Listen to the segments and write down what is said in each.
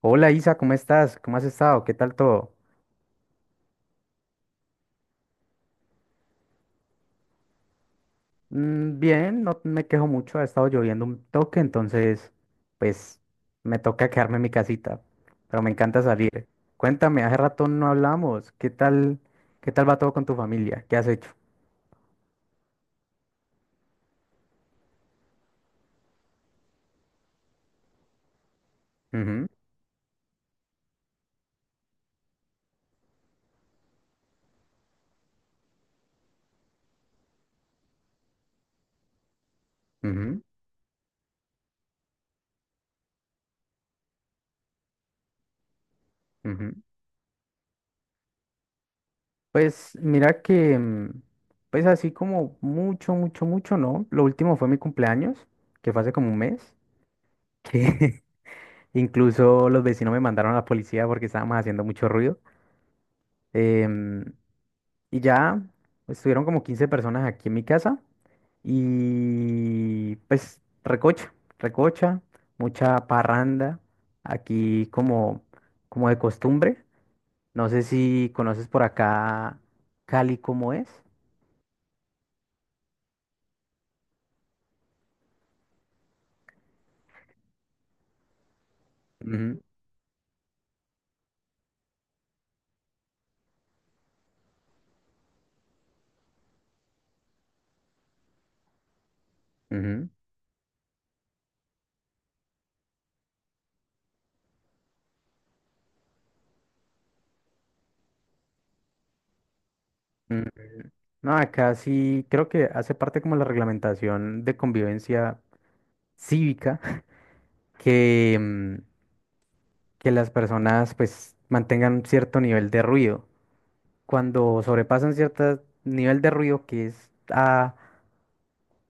Hola Isa, ¿cómo estás? ¿Cómo has estado? ¿Qué tal todo? Mm, bien, no me quejo mucho, ha estado lloviendo un toque, entonces pues me toca quedarme en mi casita, pero me encanta salir. Cuéntame, hace rato no hablamos, ¿qué tal va todo con tu familia? ¿Qué has hecho? Ujú, ujú, ujú. Pues mira que, pues así como mucho, mucho, mucho, ¿no? Lo último fue mi cumpleaños, que fue hace como un mes, que incluso los vecinos me mandaron a la policía porque estábamos haciendo mucho ruido. Em, y ya estuvieron como 15 personas aquí en mi casa y pues recocha, recocha, mucha parranda aquí como de costumbre. No sé si conoces por acá Cali cómo es. Ujú, ujú, ujú. No, acá sí creo que hace parte como la reglamentación de convivencia cívica que, em, que las personas pues mantengan un cierto nivel de ruido. Cuando sobrepasan cierto nivel de ruido que es a,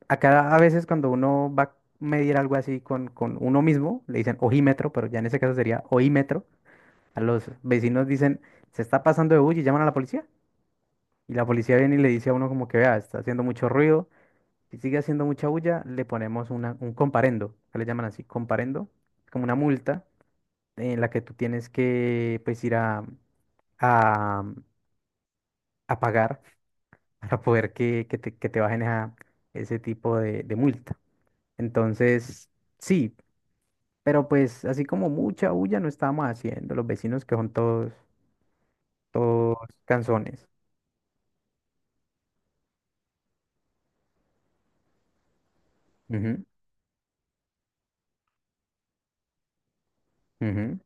a cada- a veces cuando uno va a medir algo así con uno mismo, le dicen ojímetro, pero ya en ese caso sería oímetro. A los vecinos dicen, se está pasando de bulla y llaman a la policía. Y la policía viene y le dice a uno como que vea, está haciendo mucho ruido. Si sigue haciendo mucha bulla, le ponemos un comparendo, que le llaman así, comparendo, como una multa en la que tú tienes que pues ir a, a pagar para poder que te bajen ese tipo de multa. Entonces, sí, pero pues así como mucha bulla no estábamos haciendo, los vecinos que son todos, todos canzones. Ujú, ujú,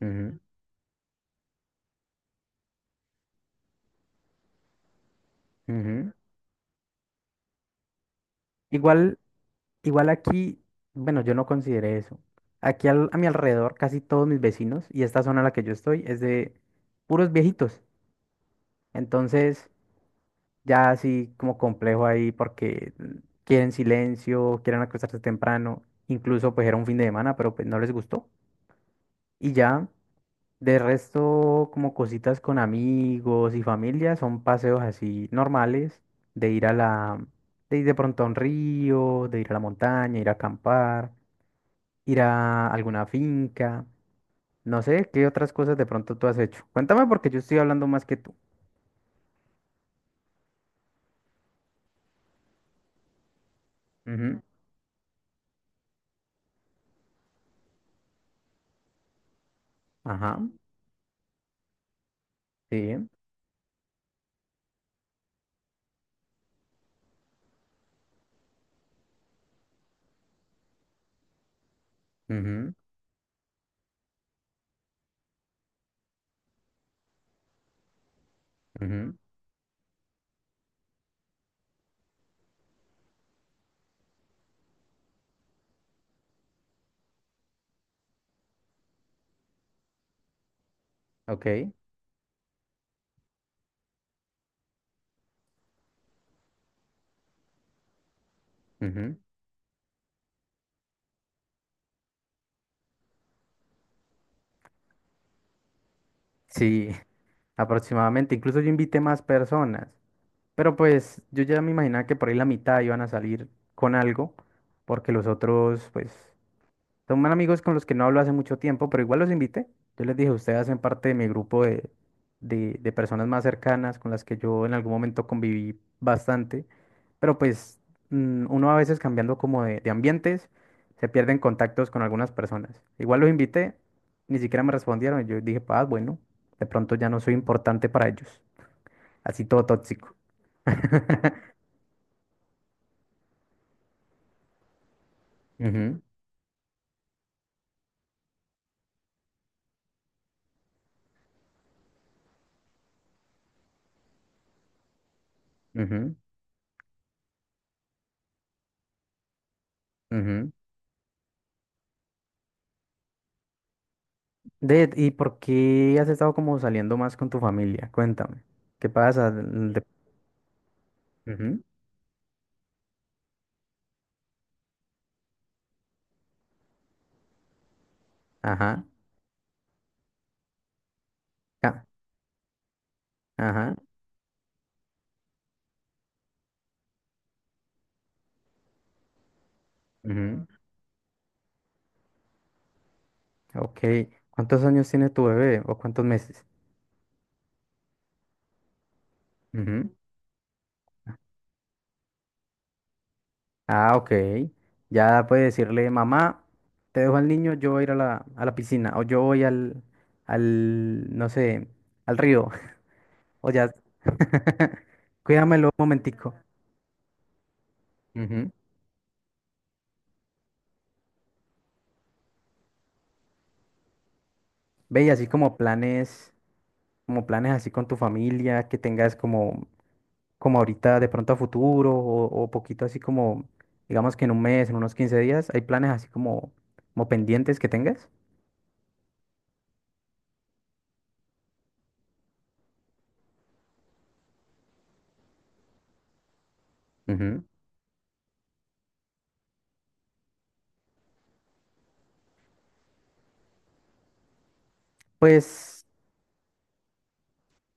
ujú, ujú. Igual, igual aquí, bueno, yo no consideré eso. Aquí a mi alrededor, casi todos mis vecinos, y esta zona en la que yo estoy, es de puros viejitos. Entonces, ya así como complejo ahí porque quieren silencio, quieren acostarse temprano, incluso pues era un fin de semana, pero pues no les gustó. Y ya, de resto como cositas con amigos y familia, son paseos así normales, de ir a la, de ir de pronto a un río, de ir a la montaña, ir a acampar, ir a alguna finca, no sé, qué otras cosas de pronto tú has hecho. Cuéntame porque yo estoy hablando más que tú. Ujú, Ajá, sí, ujú, ujú, ok. Ujú. Sí, aproximadamente. Incluso yo invité más personas. Pero pues yo ya me imaginaba que por ahí la mitad iban a salir con algo, porque los otros, pues. Son amigos con los que no hablo hace mucho tiempo, pero igual los invité. Yo les dije, ustedes hacen parte de mi grupo de personas más cercanas con las que yo en algún momento conviví bastante. Pero pues uno a veces cambiando como de ambientes, se pierden contactos con algunas personas. Igual los invité, ni siquiera me respondieron. Yo dije, ah, bueno, de pronto ya no soy importante para ellos. Así todo tóxico. Ujú, ujú, ujú. ¿Y por qué has estado como saliendo más con tu familia? Cuéntame. ¿Qué pasa? Ujú, Ajá. ca- Ajá. Ujú, Ok. ¿Cuántos años tiene tu bebé o cuántos meses? Ujú, Ah, ok. Ya puede decirle, mamá, te dejo al niño, yo voy a ir a la piscina o yo voy no sé, al río. O ya, cuídamelo un momentico. Ujú. Ve, y así como planes. Como planes así con tu familia, que tengas como, como ahorita de pronto a futuro o poquito así como, digamos que en un mes, en unos 15 días, hay planes así como, como pendientes que tengas? Ujú. Pues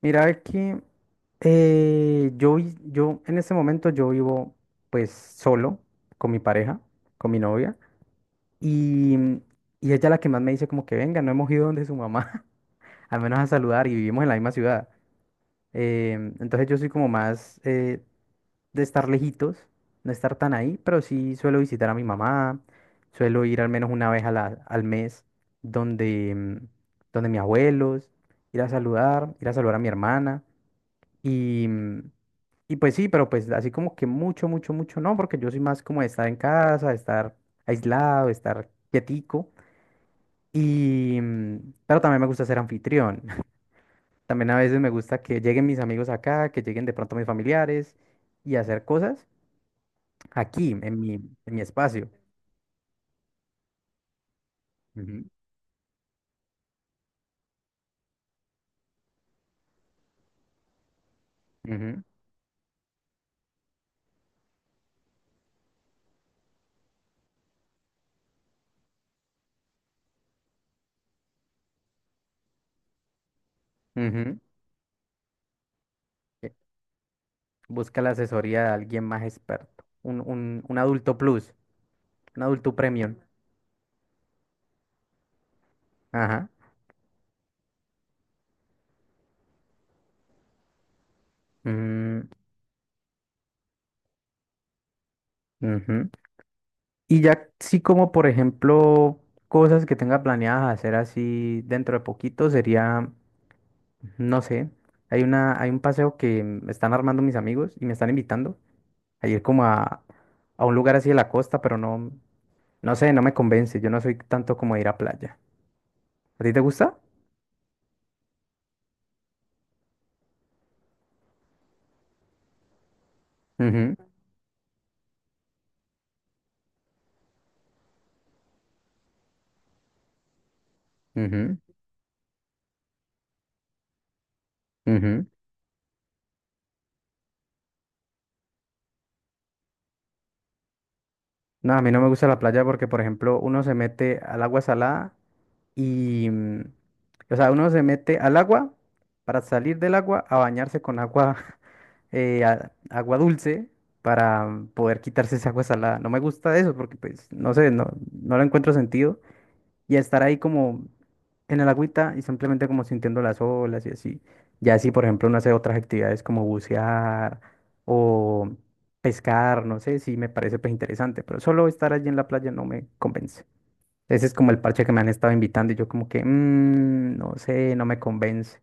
mira que yo en este momento yo vivo pues solo con mi pareja, con mi novia, y, y ella la que más me dice como que venga, no hemos ido donde su mamá, al menos a saludar y vivimos en la misma ciudad. Entonces yo soy como más, de estar lejitos, no estar tan ahí, pero sí suelo visitar a mi mamá, suelo ir al menos una vez a al mes donde, mm, donde mis abuelos, ir a saludar a mi hermana y, mm, y pues sí, pero pues así como que mucho, mucho, mucho no, porque yo soy más como de estar en casa, de estar aislado, de estar quietico pero también me gusta ser anfitrión. También a veces me gusta que lleguen mis amigos acá, que lleguen de pronto mis familiares y hacer cosas. Aquí, en mi espacio. Ujú, ujú, ujú. Eh, Busca la asesoría de alguien más experto. Un adulto plus, un adulto premium. Ajá. Mm, ujú. Y ya sí como, por ejemplo, cosas que tenga planeadas hacer así dentro de poquito sería, no sé, hay un paseo que me están armando mis amigos y me están invitando a ir como a un lugar así de la costa, pero no, no sé, no me convence. Yo no soy tanto como de ir a playa. ¿A ti te gusta? Ujú, ujú, ujú. No, a mí no me gusta la playa porque, por ejemplo, uno se mete al agua salada y, mm, o sea, uno se mete al agua para salir del agua a bañarse con agua, agua dulce para poder quitarse esa agua salada. No me gusta eso porque, pues, no sé, no le encuentro sentido. Y estar ahí como en el agüita y simplemente como sintiendo las olas y así. Ya si, por ejemplo, uno hace otras actividades como bucear o pescar, no sé, si me parece pues interesante, pero solo estar allí en la playa no me convence. Ese es como el parche que me han estado invitando y yo como que, "Mm, no sé, no me convence.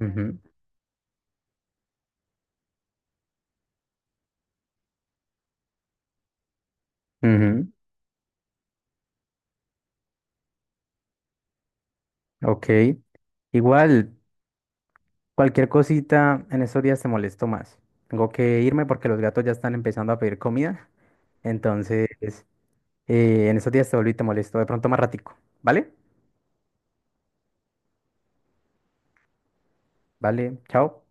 Ujú, ujú, Ok. Igual, cualquier cosita en esos días te molesto más. Tengo que irme porque los gatos ya están empezando a pedir comida. Entonces, en esos días te volví y te molesto. De pronto más ratico. ¿Vale? Vale, chao.